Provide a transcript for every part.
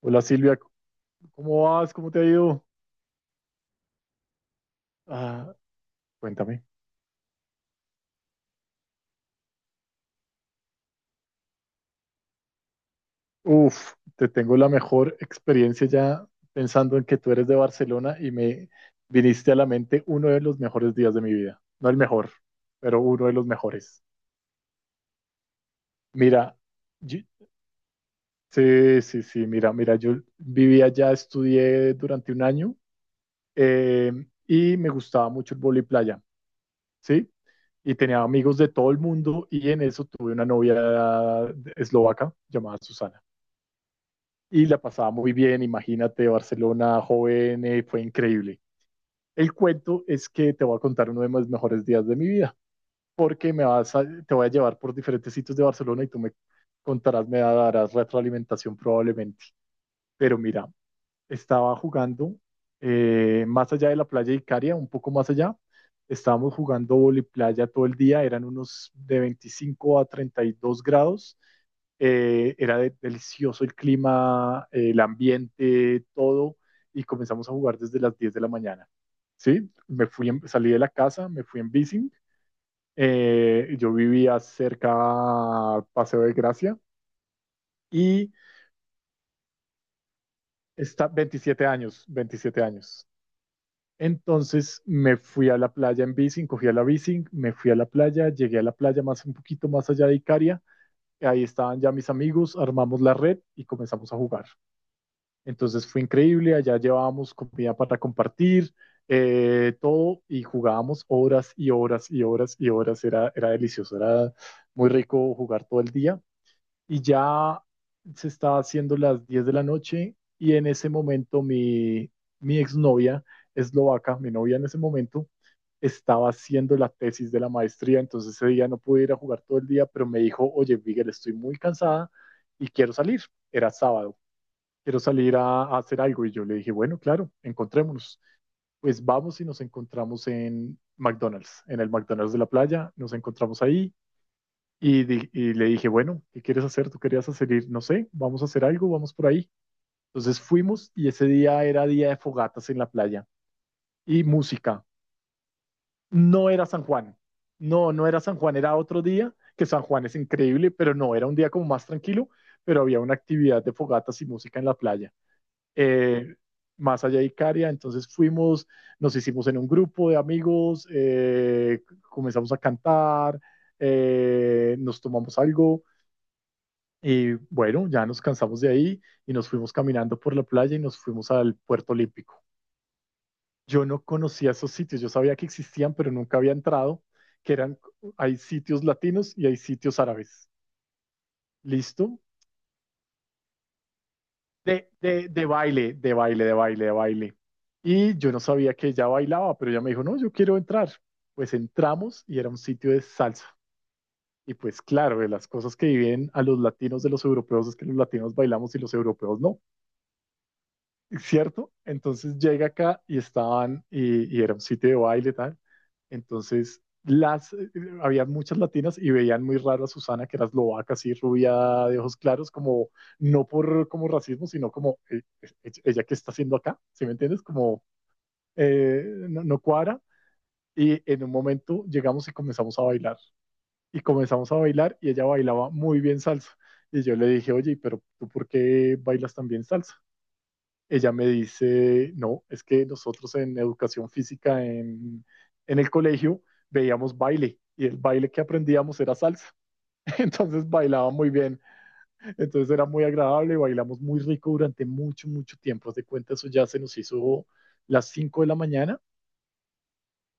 Hola Silvia, ¿cómo vas? ¿Cómo te ha ido? Ah, cuéntame. Uf, te tengo la mejor experiencia ya pensando en que tú eres de Barcelona y me viniste a la mente uno de los mejores días de mi vida. No el mejor, pero uno de los mejores. Mira, yo- sí, sí, sí, mira, mira, yo viví allá, estudié durante un año, eh, y me gustaba mucho el vóley playa, ¿sí? Y tenía amigos de todo el mundo y en eso tuve una novia eslovaca llamada Susana. Y la pasaba muy bien. Imagínate, Barcelona joven, fue increíble. El cuento es que te voy a contar uno de mis mejores días de mi vida, porque te voy a llevar por diferentes sitios de Barcelona y tú me contarás, me darás retroalimentación probablemente. Pero mira, estaba jugando más allá de la playa de Icaria, un poco más allá. Estábamos jugando voliplaya todo el día, eran unos de 25 a 32 grados. Era delicioso el clima, el ambiente, todo, y comenzamos a jugar desde las 10 de la mañana. Sí, me fui salí de la casa, me fui en bici. Yo vivía cerca a Paseo de Gracia y está 27 años, 27 años. Entonces me fui a la playa en bici, cogí a la bici, me fui a la playa, llegué a la playa más un poquito más allá de Icaria, ahí estaban ya mis amigos, armamos la red y comenzamos a jugar. Entonces fue increíble, allá llevábamos comida para compartir, todo, y jugábamos horas y horas y horas y horas, era, era delicioso, era muy rico jugar todo el día y ya se está haciendo las 10 de la noche, y en ese momento mi exnovia eslovaca, mi novia en ese momento, estaba haciendo la tesis de la maestría, entonces ese día no pude ir a jugar todo el día, pero me dijo, oye, Miguel, estoy muy cansada y quiero salir. Era sábado, quiero salir a hacer algo, y yo le dije, bueno, claro, encontrémonos. Pues vamos, y nos encontramos en McDonald's, en el McDonald's de la playa, nos encontramos ahí y le dije, bueno, ¿qué quieres hacer? ¿Tú querías hacer ir? No sé, vamos a hacer algo, vamos por ahí. Entonces fuimos, y ese día era día de fogatas en la playa y música. No era San Juan. No, no era San Juan, era otro día, que San Juan es increíble, pero no, era un día como más tranquilo, pero había una actividad de fogatas y música en la playa. Eh, Más allá de Icaria, entonces fuimos, nos hicimos en un grupo de amigos, comenzamos a cantar, nos tomamos algo. Y bueno, ya nos cansamos de ahí y nos fuimos caminando por la playa y nos fuimos al Puerto Olímpico. Yo no conocía esos sitios, yo sabía que existían, pero nunca había entrado, que eran, hay sitios latinos y hay sitios árabes. ¿Listo? De baile, de baile, de baile, de baile. Y yo no sabía que ella bailaba, pero ella me dijo, no, yo quiero entrar. Pues entramos y era un sitio de salsa. Y pues claro, de las cosas que viven a los latinos de los europeos es que los latinos bailamos y los europeos no. ¿Cierto? Entonces llega acá y estaban, y era un sitio de baile tal. Entonces, las, eh, Había muchas latinas y veían muy raro a Susana, que era eslovaca, así rubia, de ojos claros, como, no por como racismo, sino como, ella qué está haciendo acá, ¿sí me entiendes? No, no cuadra. Y en un momento llegamos y comenzamos a bailar. Y comenzamos a bailar y ella bailaba muy bien salsa. Y yo le dije, oye, pero ¿tú por qué bailas tan bien salsa? Ella me dice, no, es que nosotros en educación física en el colegio veíamos baile y el baile que aprendíamos era salsa. Entonces bailaba muy bien, entonces era muy agradable, bailamos muy rico durante mucho, mucho tiempo. Haz de cuenta, eso ya se nos hizo las 5 de la mañana.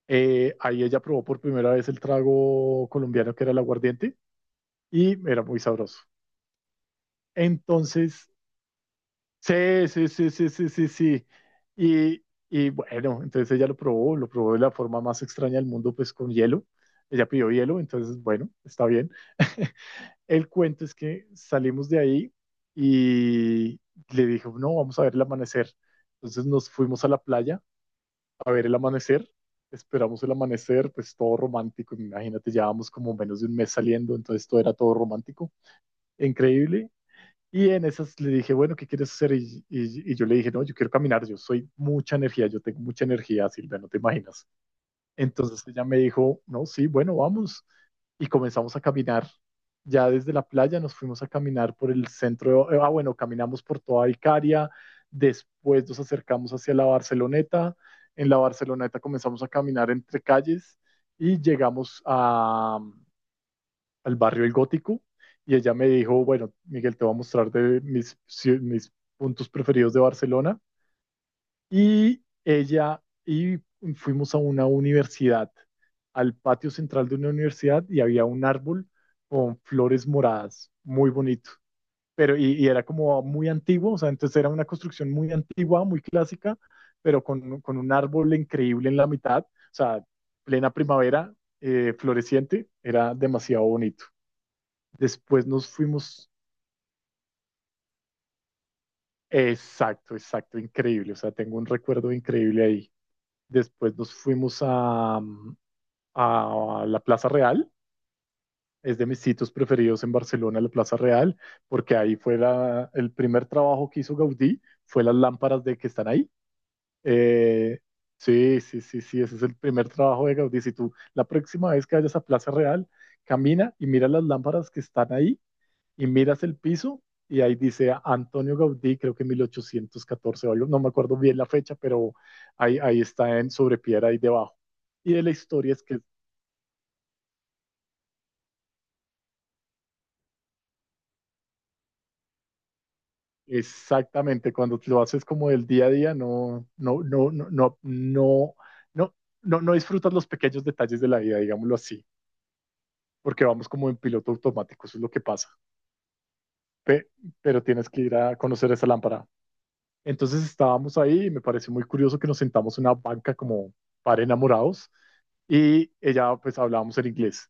Ahí ella probó por primera vez el trago colombiano que era el aguardiente, y era muy sabroso. Entonces sí, sí, sí, sí, sí, sí, sí. Y, y bueno, entonces ella lo probó de la forma más extraña del mundo, pues con hielo. Ella pidió hielo, entonces bueno, está bien. El cuento es que salimos de ahí y le dijo, no, vamos a ver el amanecer. Entonces nos fuimos a la playa a ver el amanecer, esperamos el amanecer, pues todo romántico, imagínate, llevábamos como menos de un mes saliendo, entonces todo era todo romántico, increíble, y en esas le dije, bueno, ¿qué quieres hacer? Y yo le dije, no, yo quiero caminar, yo soy mucha energía, yo tengo mucha energía, Silvia, no te imaginas. Entonces ella me dijo, no, sí, bueno, vamos. Y comenzamos a caminar. Ya desde la playa nos fuimos a caminar por el centro, ah, bueno, caminamos por toda Icaria, después nos acercamos hacia la Barceloneta, en la Barceloneta comenzamos a caminar entre calles y llegamos a, al barrio El Gótico, y ella me dijo, bueno, Miguel, te voy a mostrar de mis, mis puntos preferidos de Barcelona. Y ella, y fuimos a una universidad, al patio central de una universidad, y había un árbol con flores moradas, muy bonito. Pero, y era como muy antiguo, o sea, entonces era una construcción muy antigua, muy clásica, pero con un árbol increíble en la mitad, o sea, plena primavera, floreciente, era demasiado bonito. Después nos fuimos, exacto, exacto, increíble. O sea, tengo un recuerdo increíble ahí. Después nos fuimos a, a la Plaza Real. Es de mis sitios preferidos en Barcelona, la Plaza Real, porque ahí fue el primer trabajo que hizo Gaudí, fue las lámparas de que están ahí. Eh, sí, sí, sí, sí, ese es el primer trabajo de Gaudí. Si tú la próxima vez que vayas a Plaza Real, camina y mira las lámparas que están ahí y miras el piso y ahí dice Antonio Gaudí, creo que 1814 o algo, no me acuerdo bien la fecha, pero ahí, ahí está en sobre piedra ahí debajo. Y de la historia es que exactamente cuando lo haces como del día a día, no, no, no, no, no, no, no, no, no disfrutas los pequeños detalles de la vida, digámoslo así, porque vamos como en piloto automático, eso es lo que pasa. Pe- pero tienes que ir a conocer esa lámpara. Entonces estábamos ahí y me pareció muy curioso que nos sentamos en una banca como para enamorados, y ella, pues hablábamos en inglés.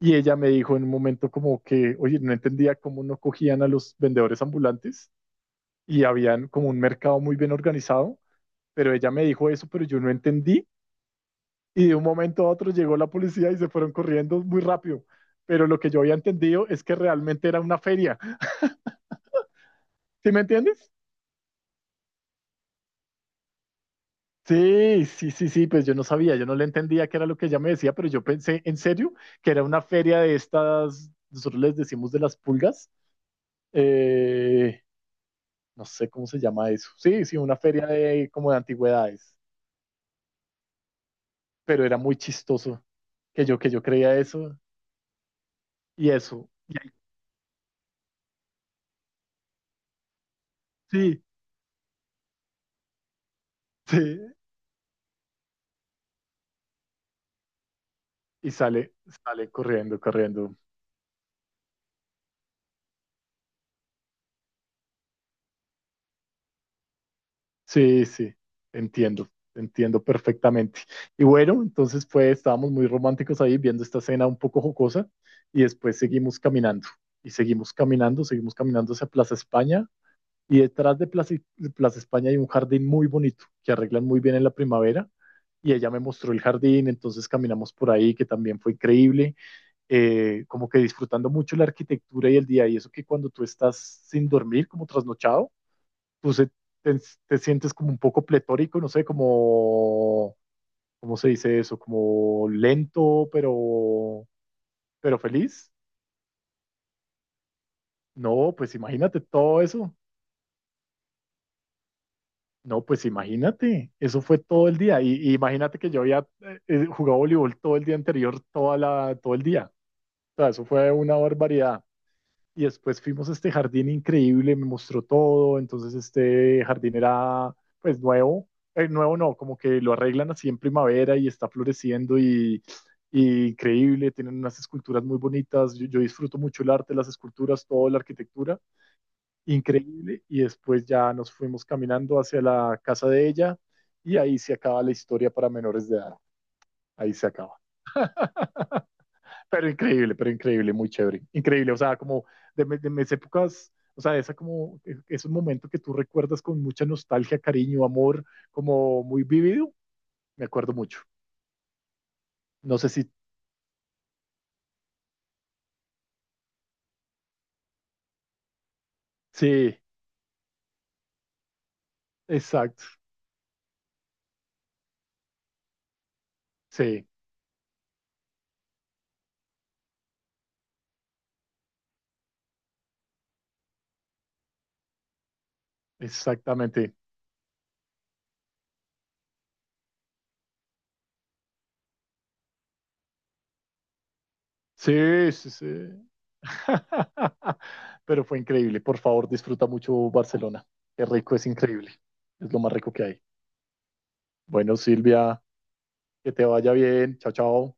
Y ella me dijo en un momento como que, oye, no entendía cómo no cogían a los vendedores ambulantes y habían como un mercado muy bien organizado, pero ella me dijo eso, pero yo no entendí. Y de un momento a otro llegó la policía y se fueron corriendo muy rápido. Pero lo que yo había entendido es que realmente era una feria. ¿Sí me entiendes? Sí, sí, sí, sí, pues yo no sabía, yo no le entendía qué era lo que ella me decía, pero yo pensé en serio que era una feria de estas, nosotros les decimos de las pulgas, eh, no sé cómo se llama eso. Sí, sí, una feria de como de antigüedades, pero era muy chistoso que yo creía eso y eso. Y ahí sí, sí, y sale corriendo, corriendo. Sí, sí, entiendo, entiendo perfectamente. Y bueno, entonces pues estábamos muy románticos ahí viendo esta escena un poco jocosa y después seguimos caminando, y seguimos caminando hacia Plaza España, y detrás de Plaza España hay un jardín muy bonito que arreglan muy bien en la primavera, y ella me mostró el jardín, entonces caminamos por ahí que también fue increíble, como que disfrutando mucho la arquitectura y el día, y eso que cuando tú estás sin dormir, como trasnochado, pues te, te sientes como un poco pletórico, no sé, como, ¿cómo se dice eso? Como lento, pero feliz. No, pues imagínate todo eso. No, pues imagínate, eso fue todo el día. Y imagínate que yo había jugado voleibol todo el día anterior, todo el día. O sea, eso fue una barbaridad. Y después fuimos a este jardín increíble, me mostró todo, entonces este jardín era pues nuevo, nuevo no, como que lo arreglan así en primavera y está floreciendo, y increíble, tienen unas esculturas muy bonitas, yo disfruto mucho el arte, las esculturas, toda la arquitectura, increíble, y después ya nos fuimos caminando hacia la casa de ella, y ahí se acaba la historia para menores de edad, ahí se acaba. Pero increíble, muy chévere. Increíble, o sea, como de, de mis épocas, o sea, esa como, es un momento que tú recuerdas con mucha nostalgia, cariño, amor, como muy vivido, me acuerdo mucho. No sé si, sí, exacto, sí, exactamente. Sí, sí, sí. Pero fue increíble, por favor, disfruta mucho Barcelona. Qué rico, es increíble. Es lo más rico que hay. Bueno, Silvia, que te vaya bien. Chao, chao.